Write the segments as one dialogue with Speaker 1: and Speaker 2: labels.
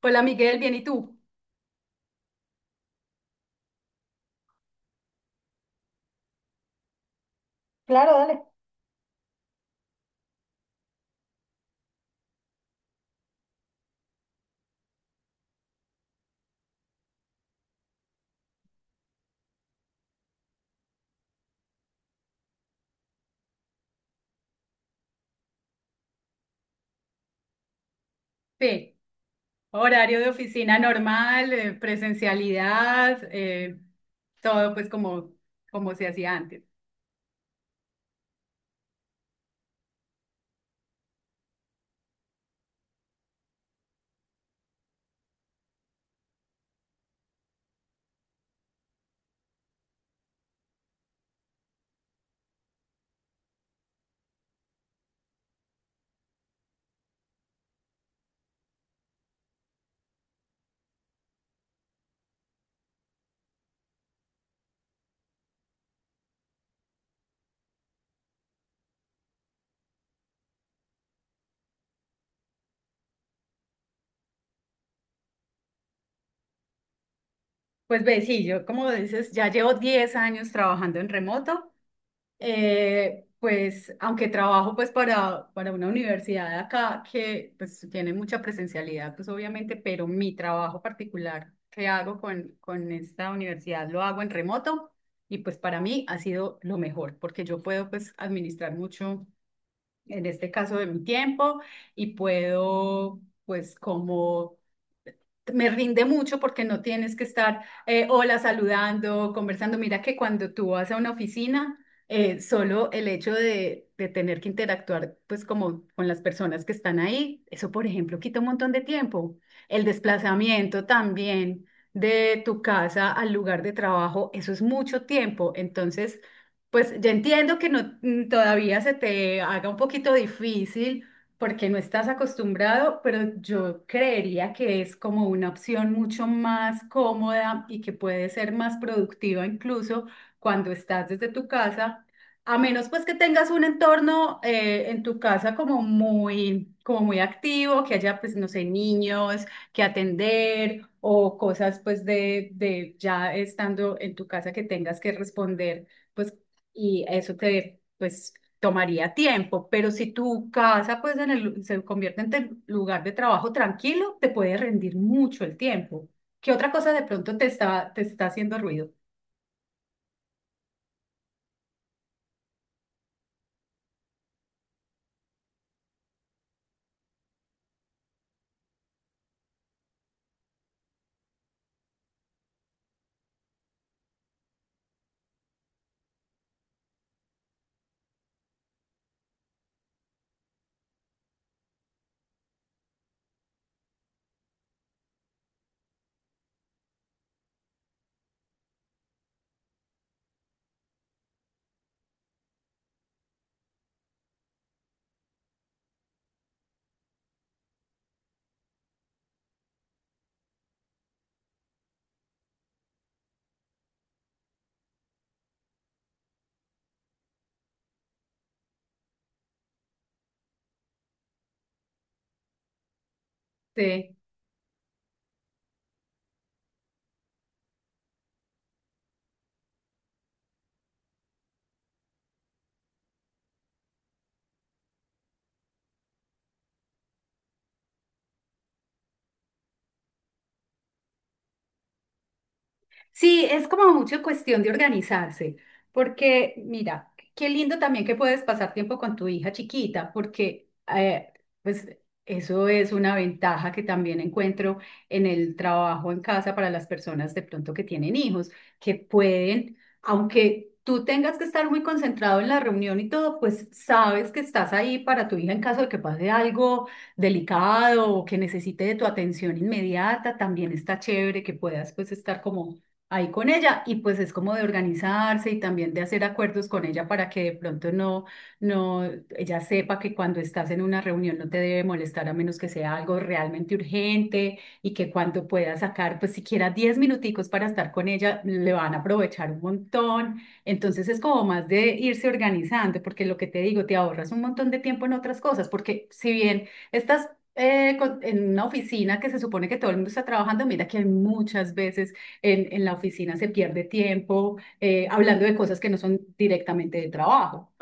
Speaker 1: Hola Miguel, bien, ¿y tú? Claro, dale. Sí. Horario de oficina normal, presencialidad, todo pues como se hacía antes. Pues ve, sí, yo como dices, ya llevo 10 años trabajando en remoto, pues aunque trabajo pues para una universidad de acá que pues tiene mucha presencialidad, pues obviamente, pero mi trabajo particular que hago con esta universidad lo hago en remoto y pues para mí ha sido lo mejor porque yo puedo pues administrar mucho en este caso de mi tiempo y puedo pues como me rinde mucho porque no tienes que estar, hola, saludando, conversando. Mira que cuando tú vas a una oficina, solo el hecho de tener que interactuar, pues como con las personas que están ahí, eso, por ejemplo, quita un montón de tiempo. El desplazamiento también de tu casa al lugar de trabajo, eso es mucho tiempo. Entonces, pues ya entiendo que no todavía se te haga un poquito difícil porque no estás acostumbrado, pero yo creería que es como una opción mucho más cómoda y que puede ser más productiva incluso cuando estás desde tu casa, a menos pues que tengas un entorno, en tu casa como muy activo, que haya pues, no sé, niños que atender o cosas pues de ya estando en tu casa que tengas que responder pues, y eso te, pues, tomaría tiempo, pero si tu casa, pues, en el se convierte en tu lugar de trabajo tranquilo, te puede rendir mucho el tiempo. ¿Qué otra cosa de pronto te está haciendo ruido? Sí. Sí, es como mucho cuestión de organizarse, porque mira, qué lindo también que puedes pasar tiempo con tu hija chiquita, porque, eh, pues eso es una ventaja que también encuentro en el trabajo en casa para las personas de pronto que tienen hijos, que pueden, aunque tú tengas que estar muy concentrado en la reunión y todo, pues sabes que estás ahí para tu hija en caso de que pase algo delicado o que necesite de tu atención inmediata, también está chévere que puedas pues estar como ahí con ella, y pues es como de organizarse y también de hacer acuerdos con ella para que de pronto no, no, ella sepa que cuando estás en una reunión no te debe molestar a menos que sea algo realmente urgente, y que cuando puedas sacar pues siquiera 10 minuticos para estar con ella le van a aprovechar un montón. Entonces es como más de irse organizando porque lo que te digo, te ahorras un montón de tiempo en otras cosas porque si bien estás en una oficina que se supone que todo el mundo está trabajando, mira que hay muchas veces en la oficina se pierde tiempo, hablando de cosas que no son directamente de trabajo.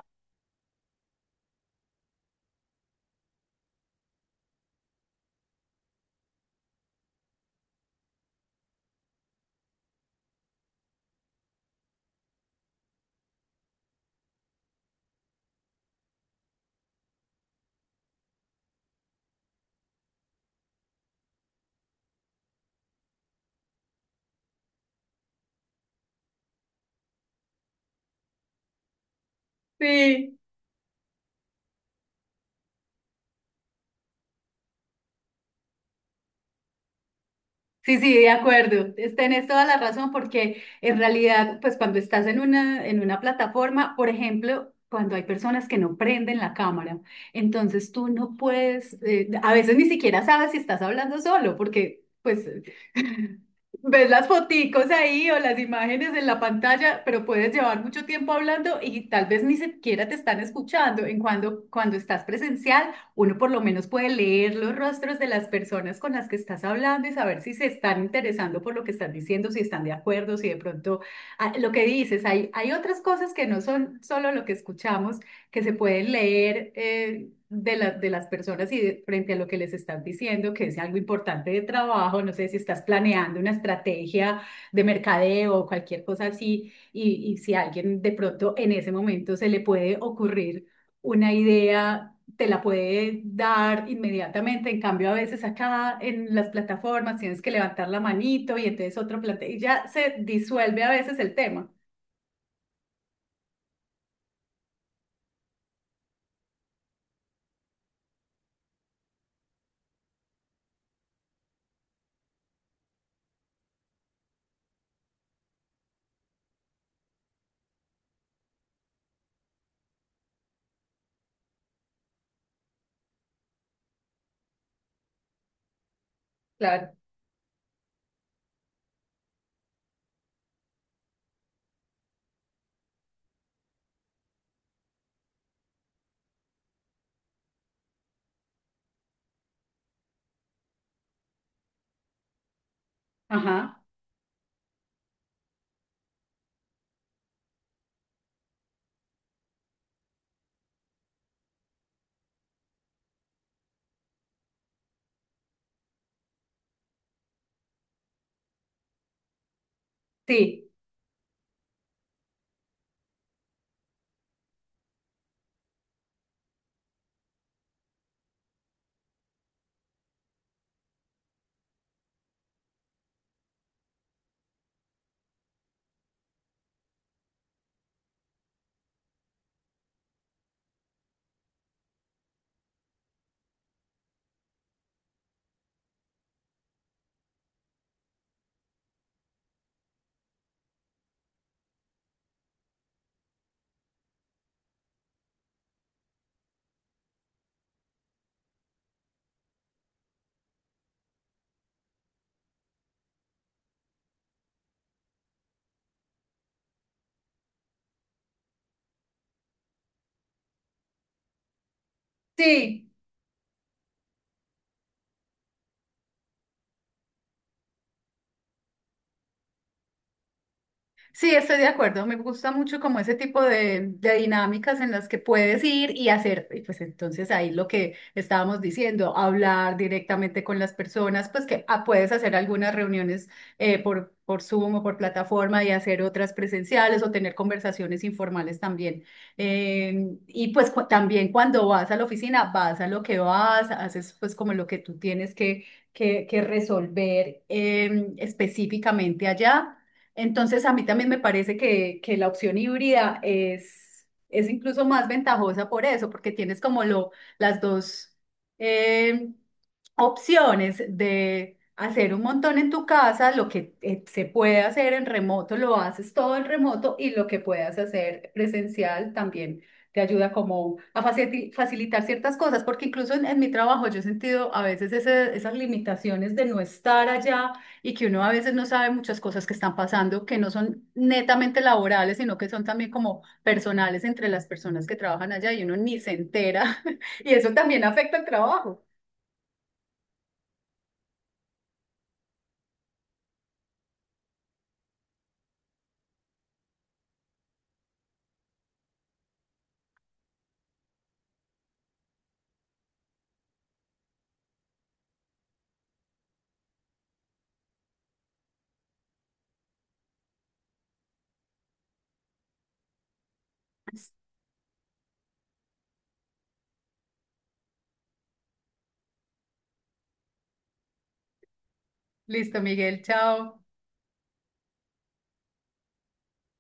Speaker 1: Sí. Sí, sí, de acuerdo. Tenés toda la razón porque en realidad, pues cuando estás en una plataforma, por ejemplo, cuando hay personas que no prenden la cámara, entonces tú no puedes, a veces ni siquiera sabes si estás hablando solo porque pues ves las foticos ahí o las imágenes en la pantalla, pero puedes llevar mucho tiempo hablando y tal vez ni siquiera te están escuchando. En cuando, cuando estás presencial uno por lo menos puede leer los rostros de las personas con las que estás hablando y saber si se están interesando por lo que estás diciendo, si están de acuerdo, si de pronto, ah, lo que dices, hay otras cosas que no son solo lo que escuchamos, que se pueden leer, de las personas y frente a lo que les estás diciendo, que es algo importante de trabajo, no sé si estás planeando una estrategia de mercadeo o cualquier cosa así, y si a alguien de pronto en ese momento se le puede ocurrir una idea, te la puede dar inmediatamente. En cambio, a veces acá en las plataformas tienes que levantar la manito y entonces otro planteo y ya se disuelve a veces el tema. Claro. Ajá, sí, sí. Sí, estoy de acuerdo. Me gusta mucho como ese tipo de dinámicas en las que puedes ir y hacer, y pues entonces ahí lo que estábamos diciendo, hablar directamente con las personas, pues que, ah, puedes hacer algunas reuniones por Zoom o por plataforma y hacer otras presenciales o tener conversaciones informales también. Y pues también cuando vas a la oficina, vas a lo que vas, haces pues como lo que tú tienes que resolver, específicamente allá. Entonces, a mí también me parece que la opción híbrida es incluso más ventajosa por eso, porque tienes como lo, las dos, eh, opciones de hacer un montón en tu casa. Lo que se puede hacer en remoto, lo haces todo en remoto, y lo que puedas hacer presencial también te ayuda como a facilitar ciertas cosas, porque incluso en mi trabajo yo he sentido a veces esas limitaciones de no estar allá, y que uno a veces no sabe muchas cosas que están pasando, que no son netamente laborales, sino que son también como personales entre las personas que trabajan allá, y uno ni se entera. Y eso también afecta al trabajo. Listo, Miguel, chao.